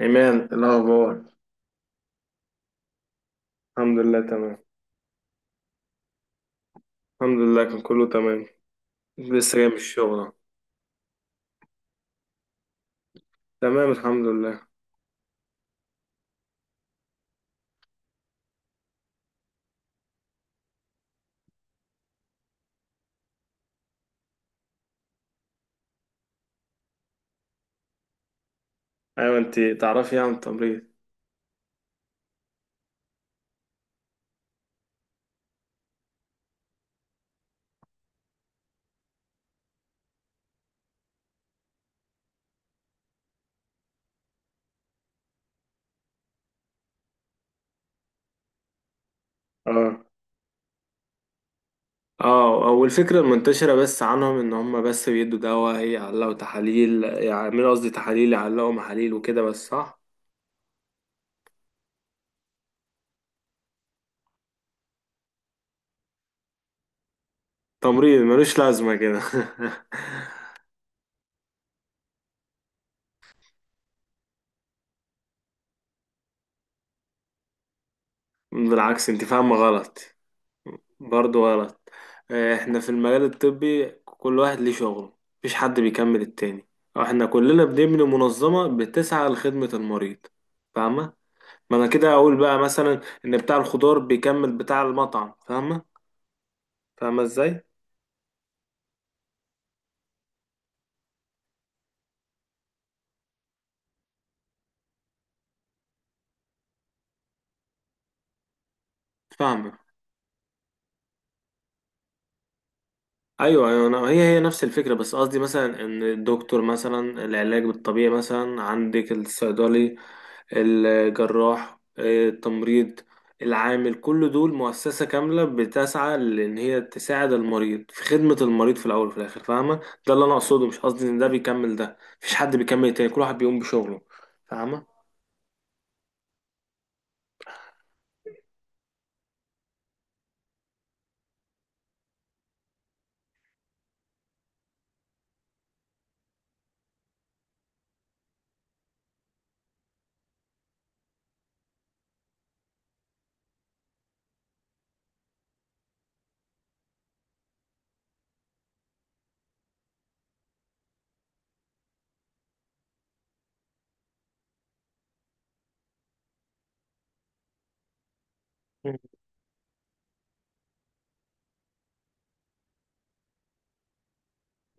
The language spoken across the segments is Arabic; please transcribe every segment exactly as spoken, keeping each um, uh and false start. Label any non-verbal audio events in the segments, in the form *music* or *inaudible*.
إيمان، إيه الأخبار؟ الحمد لله تمام. الحمد لله كان كله تمام. لسه جاي من الشغل أهو. تمام الحمد لله. أيوة، أنت تعرفي عن التمريض؟ اه اه أول فكرة منتشرة بس عنهم إن هم بس بيدوا دواء إيه، يعلقوا تحاليل يعملوا قصدي تحاليل يعلقوا محاليل وكده بس، صح؟ تمريض ملوش لازمة كده؟ *laughs* بالعكس، أنت فاهمة غلط. برضه غلط. آه، احنا في المجال الطبي كل واحد ليه شغله. مفيش حد بيكمل التاني. احنا كلنا بنبني منظمة بتسعى لخدمة المريض. فاهمة؟ ما انا كده اقول بقى مثلا ان بتاع الخضار بيكمل بتاع المطعم، فاهمة؟ فاهمة ازاي؟ فاهمة. ايوه ايوه، أنا هي هي نفس الفكرة، بس قصدي مثلا ان الدكتور مثلا العلاج الطبيعي مثلا، عندك الصيدلي، الجراح، آه، التمريض، العامل، كل دول مؤسسة كاملة بتسعى لأن هي تساعد المريض في خدمة المريض في الأول وفي الآخر، فاهمة. ده اللي أنا أقصده، مش قصدي إن ده بيكمل ده، مفيش حد بيكمل التاني، كل واحد بيقوم بشغله، فاهمة.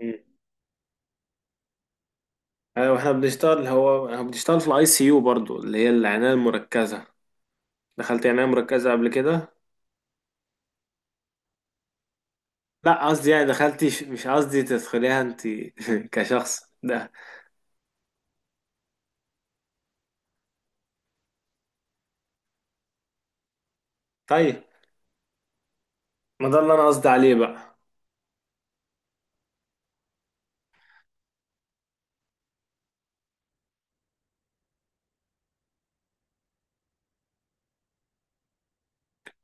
مم. أيوة، إحنا بنشتغل، هو إحنا بنشتغل في الأي سي يو برضو اللي هي العناية المركزة. دخلت عناية مركزة قبل كده؟ لا قصدي يعني دخلتي، مش قصدي تدخليها أنت، *laughs* كشخص ده. طيب. ما ده اللي أنا قصدي عليه بقى.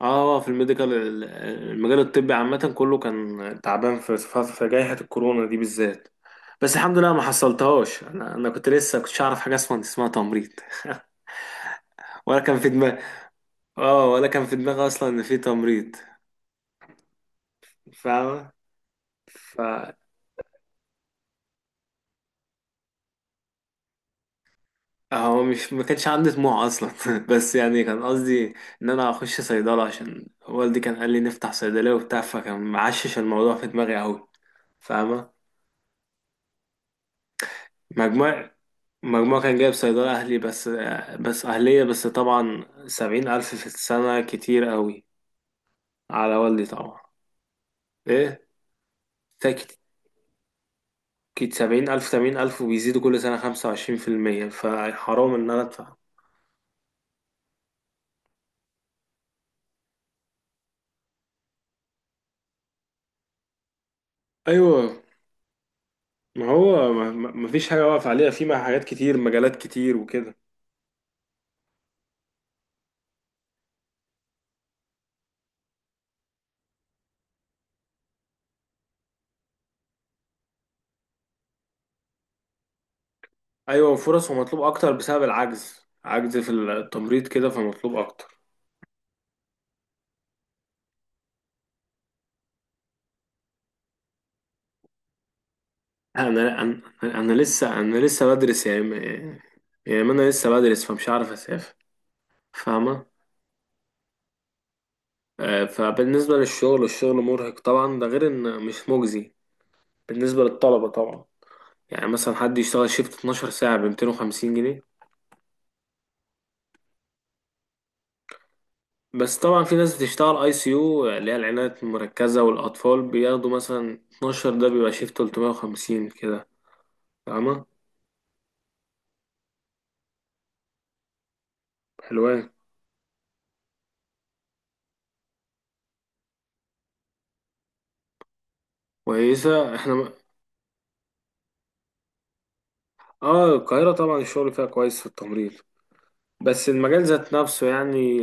اه، في الميديكال ال- المجال الطبي عامة كله كان تعبان في في في جائحة الكورونا دي بالذات. بس الحمد لله ما حصلتهاش. انا انا كنت لسه كنتش اعرف حاجة اسمها اسمها تمريض. *laughs* ولا كان في دماغي. اه، ولا كان في دماغي اصلا ان في تمريض. فاهمة. ف هو مش ما كانش عندي طموح اصلا، *laughs* بس يعني كان قصدي ان انا اخش صيدلة، عشان والدي كان قال لي نفتح صيدلية وبتاع، فكان معشش الموضوع في دماغي قوي. فاهمة. مجموع. مجموع كان جايب صيدلة أهلي بس. بس أهلية بس، طبعا سبعين ألف في السنة كتير قوي على والدي طبعا. إيه. تاكت كت سبعين ألف، سبعين ألف وبيزيدوا كل سنة خمسة وعشرين في المية، فحرام إن أنا أدفع. أيوة، ما هو ما ما- مفيش حاجة واقف عليها، في مع حاجات كتير، مجالات كتير وكده. أيوة، وفرص، ومطلوب أكتر بسبب العجز، عجز في التمريض كده، فمطلوب أكتر. انا انا انا لسه انا لسه بدرس يعني م- يعني ما انا لسه بدرس، فمش عارف اسافر. فاهمه. آه، فبالنسبه للشغل، الشغل مرهق طبعا، ده غير ان مش مجزي بالنسبه للطلبه طبعا. يعني مثلا حد يشتغل شيفت اتناشر ساعة ساعه ب ميتين وخمسين جنيه. بس طبعا في ناس بتشتغل اي سي يو اللي هي العنايه المركزه والاطفال بياخدوا مثلا اتناشر، ده بيبقى شيفت تلتمية وخمسين كده، فاهمه. حلوان. كويسه، احنا م- اه، القاهره طبعا الشغل فيها كويس في التمريض، بس المجال ذات نفسه يعني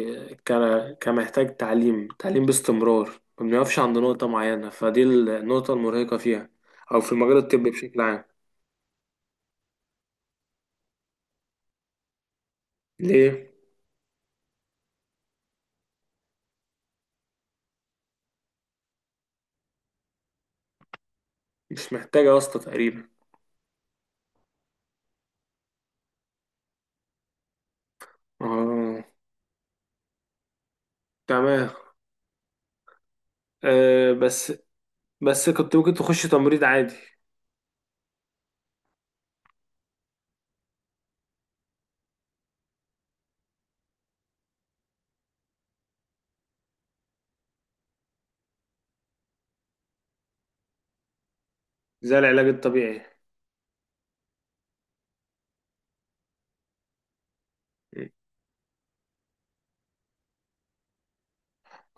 ك- كمحتاج تعليم، تعليم باستمرار. ما بنقفش عند نقطة معينة، فدي النقطة المرهقة فيها، أو في المجال الطبي بشكل عام. ليه؟ مش محتاجة واسطة تقريبا. اه، تمام. آه بس. بس كنت ممكن تخش تمريض عادي. زي العلاج الطبيعي.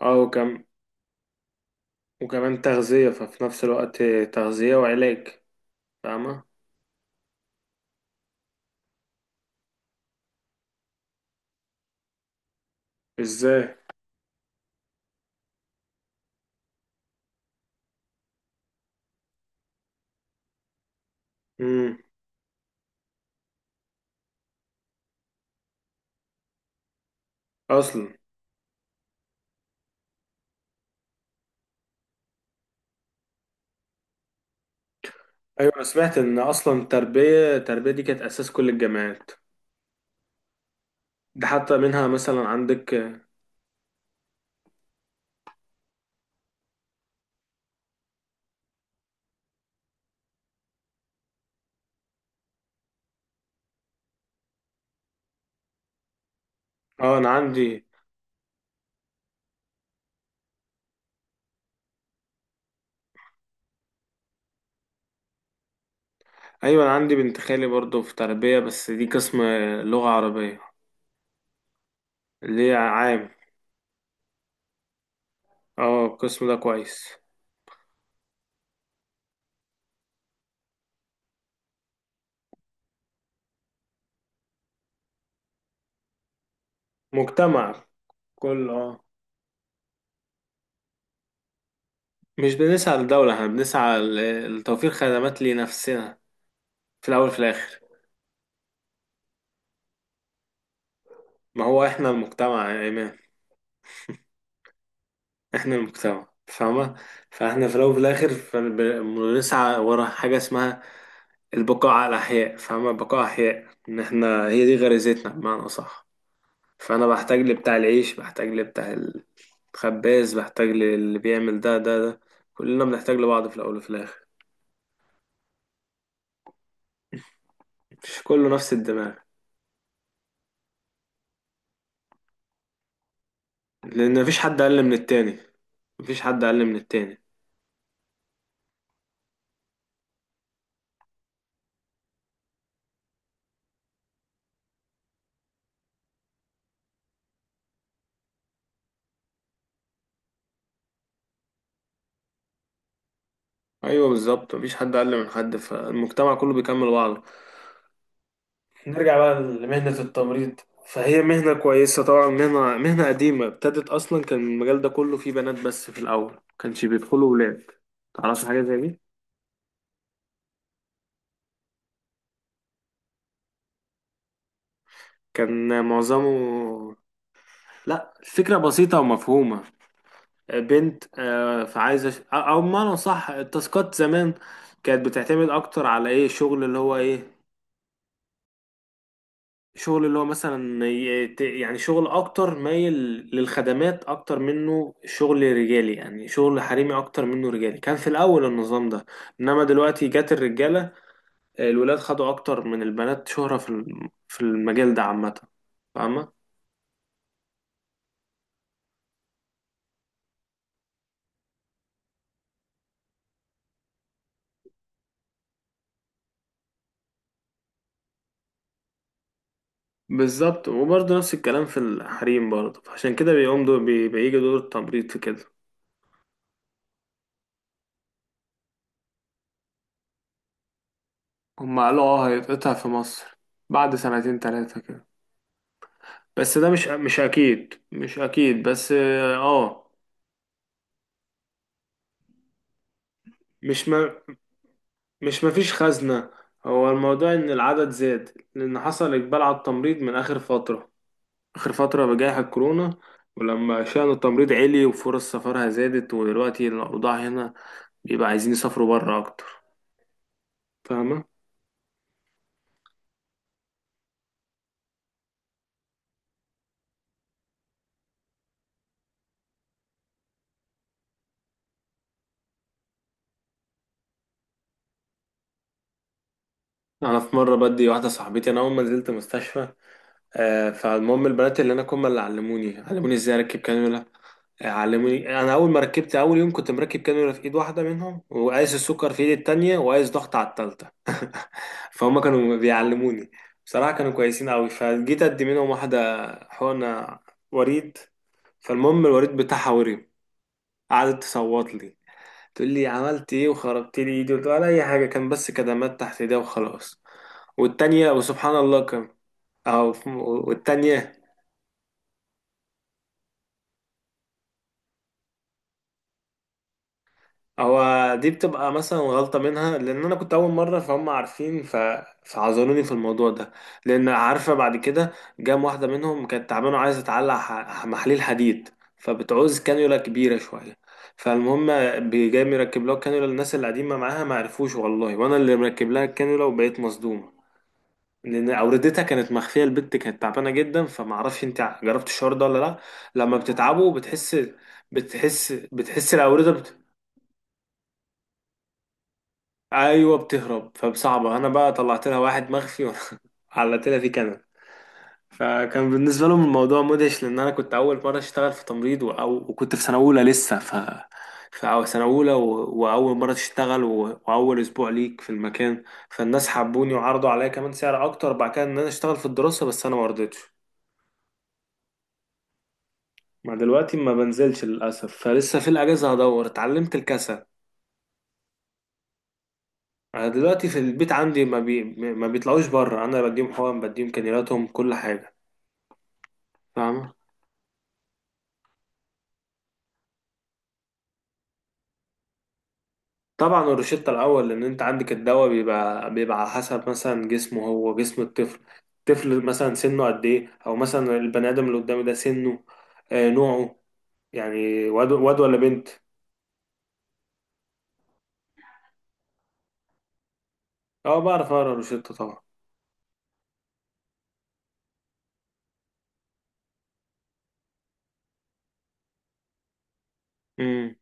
اه وكم وكمان تغذية، ففي نفس الوقت تغذية وعلاج. فاهمة؟ ازاي؟ مم. أصلا. ايوه، انا سمعت ان اصلا التربيه التربيه دي كانت اساس كل الجامعات. ده حتى منها مثلا عندك. اه انا عندي. ايوه انا عندي بنت خالي برضه في تربيه، بس دي قسم لغه عربيه، اللي هي عام. اه، القسم ده كويس. مجتمع. كله، اه. مش بنسعى للدوله، احنا بنسعى ل- لتوفير خدمات لنفسنا في الاول في الاخر. ما هو احنا المجتمع يا ايمان. احنا المجتمع، فاهمه. فاحنا في الاول وفي الاخر فبنسعى ورا حاجه اسمها البقاء على الأحياء، فاهمة، البقاء أحياء، إن إحنا هي دي غريزتنا بمعنى أصح. فأنا بحتاج لبتاع العيش، بحتاج لبتاع الخباز، بحتاج للي بيعمل ده ده ده، كلنا بنحتاج لبعض في الأول وفي الآخر. مش كله نفس الدماغ. لأن مفيش حد أقل من التاني. مفيش حد أقل من التاني. أيوه، بالظبط، مفيش حد أقل من حد، فالمجتمع كله بيكمل بعضه. نرجع بقى لمهنة التمريض. فهي مهنة كويسة طبعا، مهنة، مهنة قديمة، ابتدت أصلا كان المجال ده كله فيه بنات بس في الأول، مكانش بيدخلوا ولاد. تعرفش حاجة زي دي؟ كان معظمه. لا، الفكرة بسيطة ومفهومة. بنت، آه، فعايزة ش- أو أو بمعنى صح، التاسكات زمان كانت بتعتمد أكتر على إيه، الشغل اللي هو إيه، شغل اللي هو مثلا ي- ت- يعني شغل اكتر مايل للخدمات اكتر منه شغل رجالي، يعني شغل حريمي اكتر منه رجالي، كان في الاول النظام ده. انما دلوقتي جات الرجاله، الولاد خدوا اكتر من البنات شهرة في الم- في المجال ده عامة، فاهمة. بالظبط، وبرضه نفس الكلام في الحريم برضه، فعشان كده بيقوم دور بي- بيجي دور التمريض في كده. هم قالوا اه هيتقطع في مصر بعد سنتين تلاتة كده. بس ده مش، مش اكيد، مش اكيد بس. اه. مش ما مش مفيش خزنة. هو الموضوع إن العدد زاد، لأن حصل إقبال على التمريض من آخر فترة، آخر فترة بجائحة كورونا. ولما شأن التمريض عالي وفرص سفرها زادت، ودلوقتي الأوضاع هنا بيبقى عايزين يسافروا بره أكتر، فاهمة؟ أنا في مرة بدي واحدة صاحبتي، أنا أول ما نزلت مستشفى آه، فالمهم البنات اللي أنا كنا اللي علموني، علموني إزاي أركب كانيولا. علموني انا اول ما ركبت، اول يوم كنت مركب كانولا في ايد واحده منهم، وقايس السكر في ايد التانية، وقايس ضغط على التالتة. *laughs* فهم كانوا بيعلموني، بصراحه كانوا كويسين قوي. فجيت ادي منهم واحده حقنه وريد، فالمهم الوريد بتاعها ورم، قعدت تصوت لي، تقول لي عملت ايه وخربت لي ايدي، قلت لها ولا اي حاجه، كان بس كدمات تحت ايديها وخلاص. والتانية وسبحان الله كان، اه والتانية. هو دي بتبقى مثلا غلطة منها، لأن أنا كنت أول مرة، فهم عارفين ف... فعذروني في الموضوع ده، لأن عارفة بعد كده جام واحدة منهم كانت تعبانة وعايزة تعلق ح... محاليل حديد، فبتعوز كانيولا كبيرة شوية، فالمهم بي- جاي مركب لها الكانيولا، الناس اللي قاعدين معاها ما عرفوش والله، وأنا اللي مركب لها الكانيولا، وبقيت مصدومة لأن أوردتها كانت مخفية، البت كانت تعبانة جدا. فما أعرفش أنت جربت الشعور ده ولا لأ، لما بتتعبوا بتحس، بتحس بتحس الأوردة. ايوه، بتهرب، فبصعبه انا بقى طلعت لها واحد مخفي، *laughs* وعلقت لها فيه كنب. فكان بالنسبه لهم الموضوع مدهش، لان انا كنت اول مره اشتغل في تمريض و- أو وكنت في سنه اولى لسه، ف في سنه اولى و... واول مره تشتغل و... واول اسبوع ليك في المكان. فالناس حبوني، وعرضوا عليا كمان سعر اكتر بعد كده ان انا اشتغل في الدراسه، بس انا ما رضيتش. ما دلوقتي ما بنزلش للاسف، فلسه في الاجازه هدور، اتعلمت الكسل. انا دلوقتي في البيت عندي ما, بي... ما بيطلعوش بره، انا بديهم حقن، بديهم كانيلاتهم، كل حاجه. فاهمة. طبعا الروشتة الأول، لأن أنت عندك الدواء، بيبقى بيبقى على حسب مثلا جسمه، هو جسم الطفل، الطفل مثلا سنه قد إيه، أو مثلا البني آدم اللي قدامي ده سنه، آه، نوعه، يعني واد واد ولا بنت. أه، بعرف أقرا الروشتة طبعا. امم.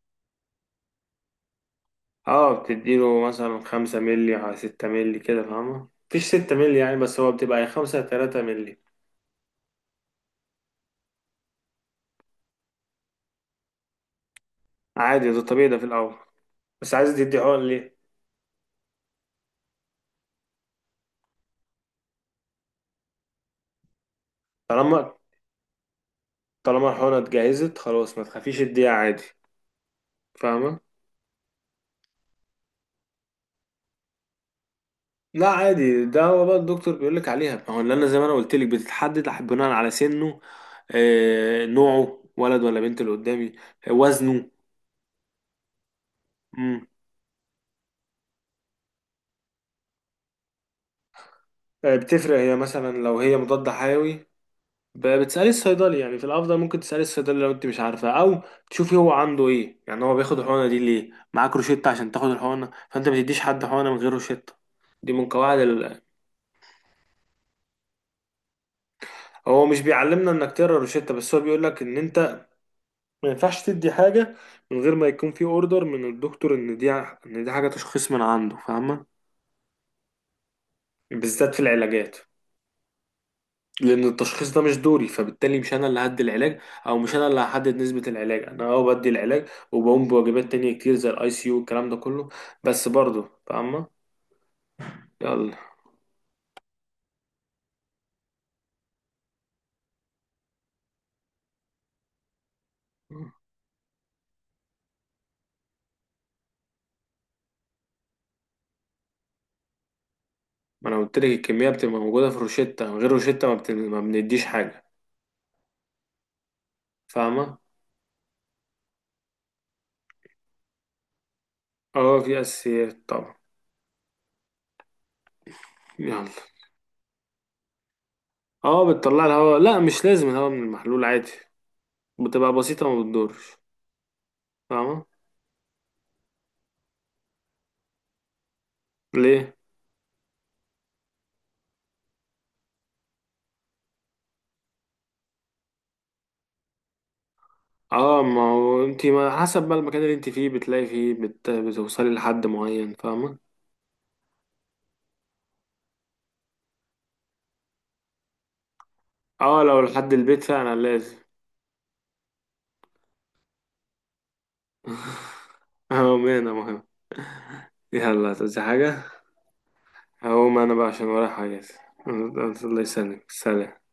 أه، بتديله مثلا خمسة مللي على ستة مللي كده، فاهمة مفيش ستة مللي يعني، بس هو بتبقى يا خمسة يا تلاتة مللي. عادي، ده طبيعي ده في الأول. بس عايز تدي حقن ليه؟ طالما، طالما الحقنة اتجهزت خلاص ما تخافيش، اديها عادي، فاهمة. لا عادي، ده هو بقى الدكتور بيقول لك عليها، ما هو اللي انا زي ما انا قلت لك بتتحدد بناء على سنه، آه، نوعه، ولد ولا بنت اللي قدامي، آه، وزنه. مم. آه، بتفرق هي مثلا لو هي مضاد حيوي. ب- بتسألي الصيدلي يعني، في الافضل ممكن تسألي الصيدلي لو انت مش عارفه، او تشوفي هو عنده ايه، يعني هو بياخد الحقنه دي ليه، معاك روشته عشان تاخد الحقنه، فانت ما تديش حد حقنه من غير روشته، دي من قواعد ال... هو مش بيعلمنا انك تقرا روشته بس، هو بيقول لك ان انت ما ينفعش تدي حاجة من غير ما يكون في اوردر من الدكتور، ان دي ان دي حاجة تشخيص من عنده، فاهمة. بالذات في العلاجات، لان التشخيص ده مش دوري، فبالتالي مش انا اللي هدي العلاج، او مش انا اللي هحدد نسبة العلاج، انا اه بدي العلاج وبقوم بواجبات تانية كتير زي الاي سي يو والكلام ده كله، بس برضه فاهمة. يلا. ما انا قلت لك الكمية بتبقى موجودة في الروشتة، من غير روشتة ما, بت... ما بنديش حاجة، فاهمة. اه في اساسيات طبعا. يلا. اه بتطلع الهواء، لا مش لازم الهواء من المحلول عادي، بتبقى بسيطة وما بتدورش، فاهمة. ليه؟ اه ما هو انت ما حسب بقى المكان اللي انت فيه بتلاقي فيه بت... بتوصلي لحد معين، فاهمة. اه لو لحد البيت فعلا لازم. *laughs* اهو مهنة مهم. يلا هتقولي حاجة؟ هقوم انا بقى عشان ورايا حاجات. الله يسلمك، سلام.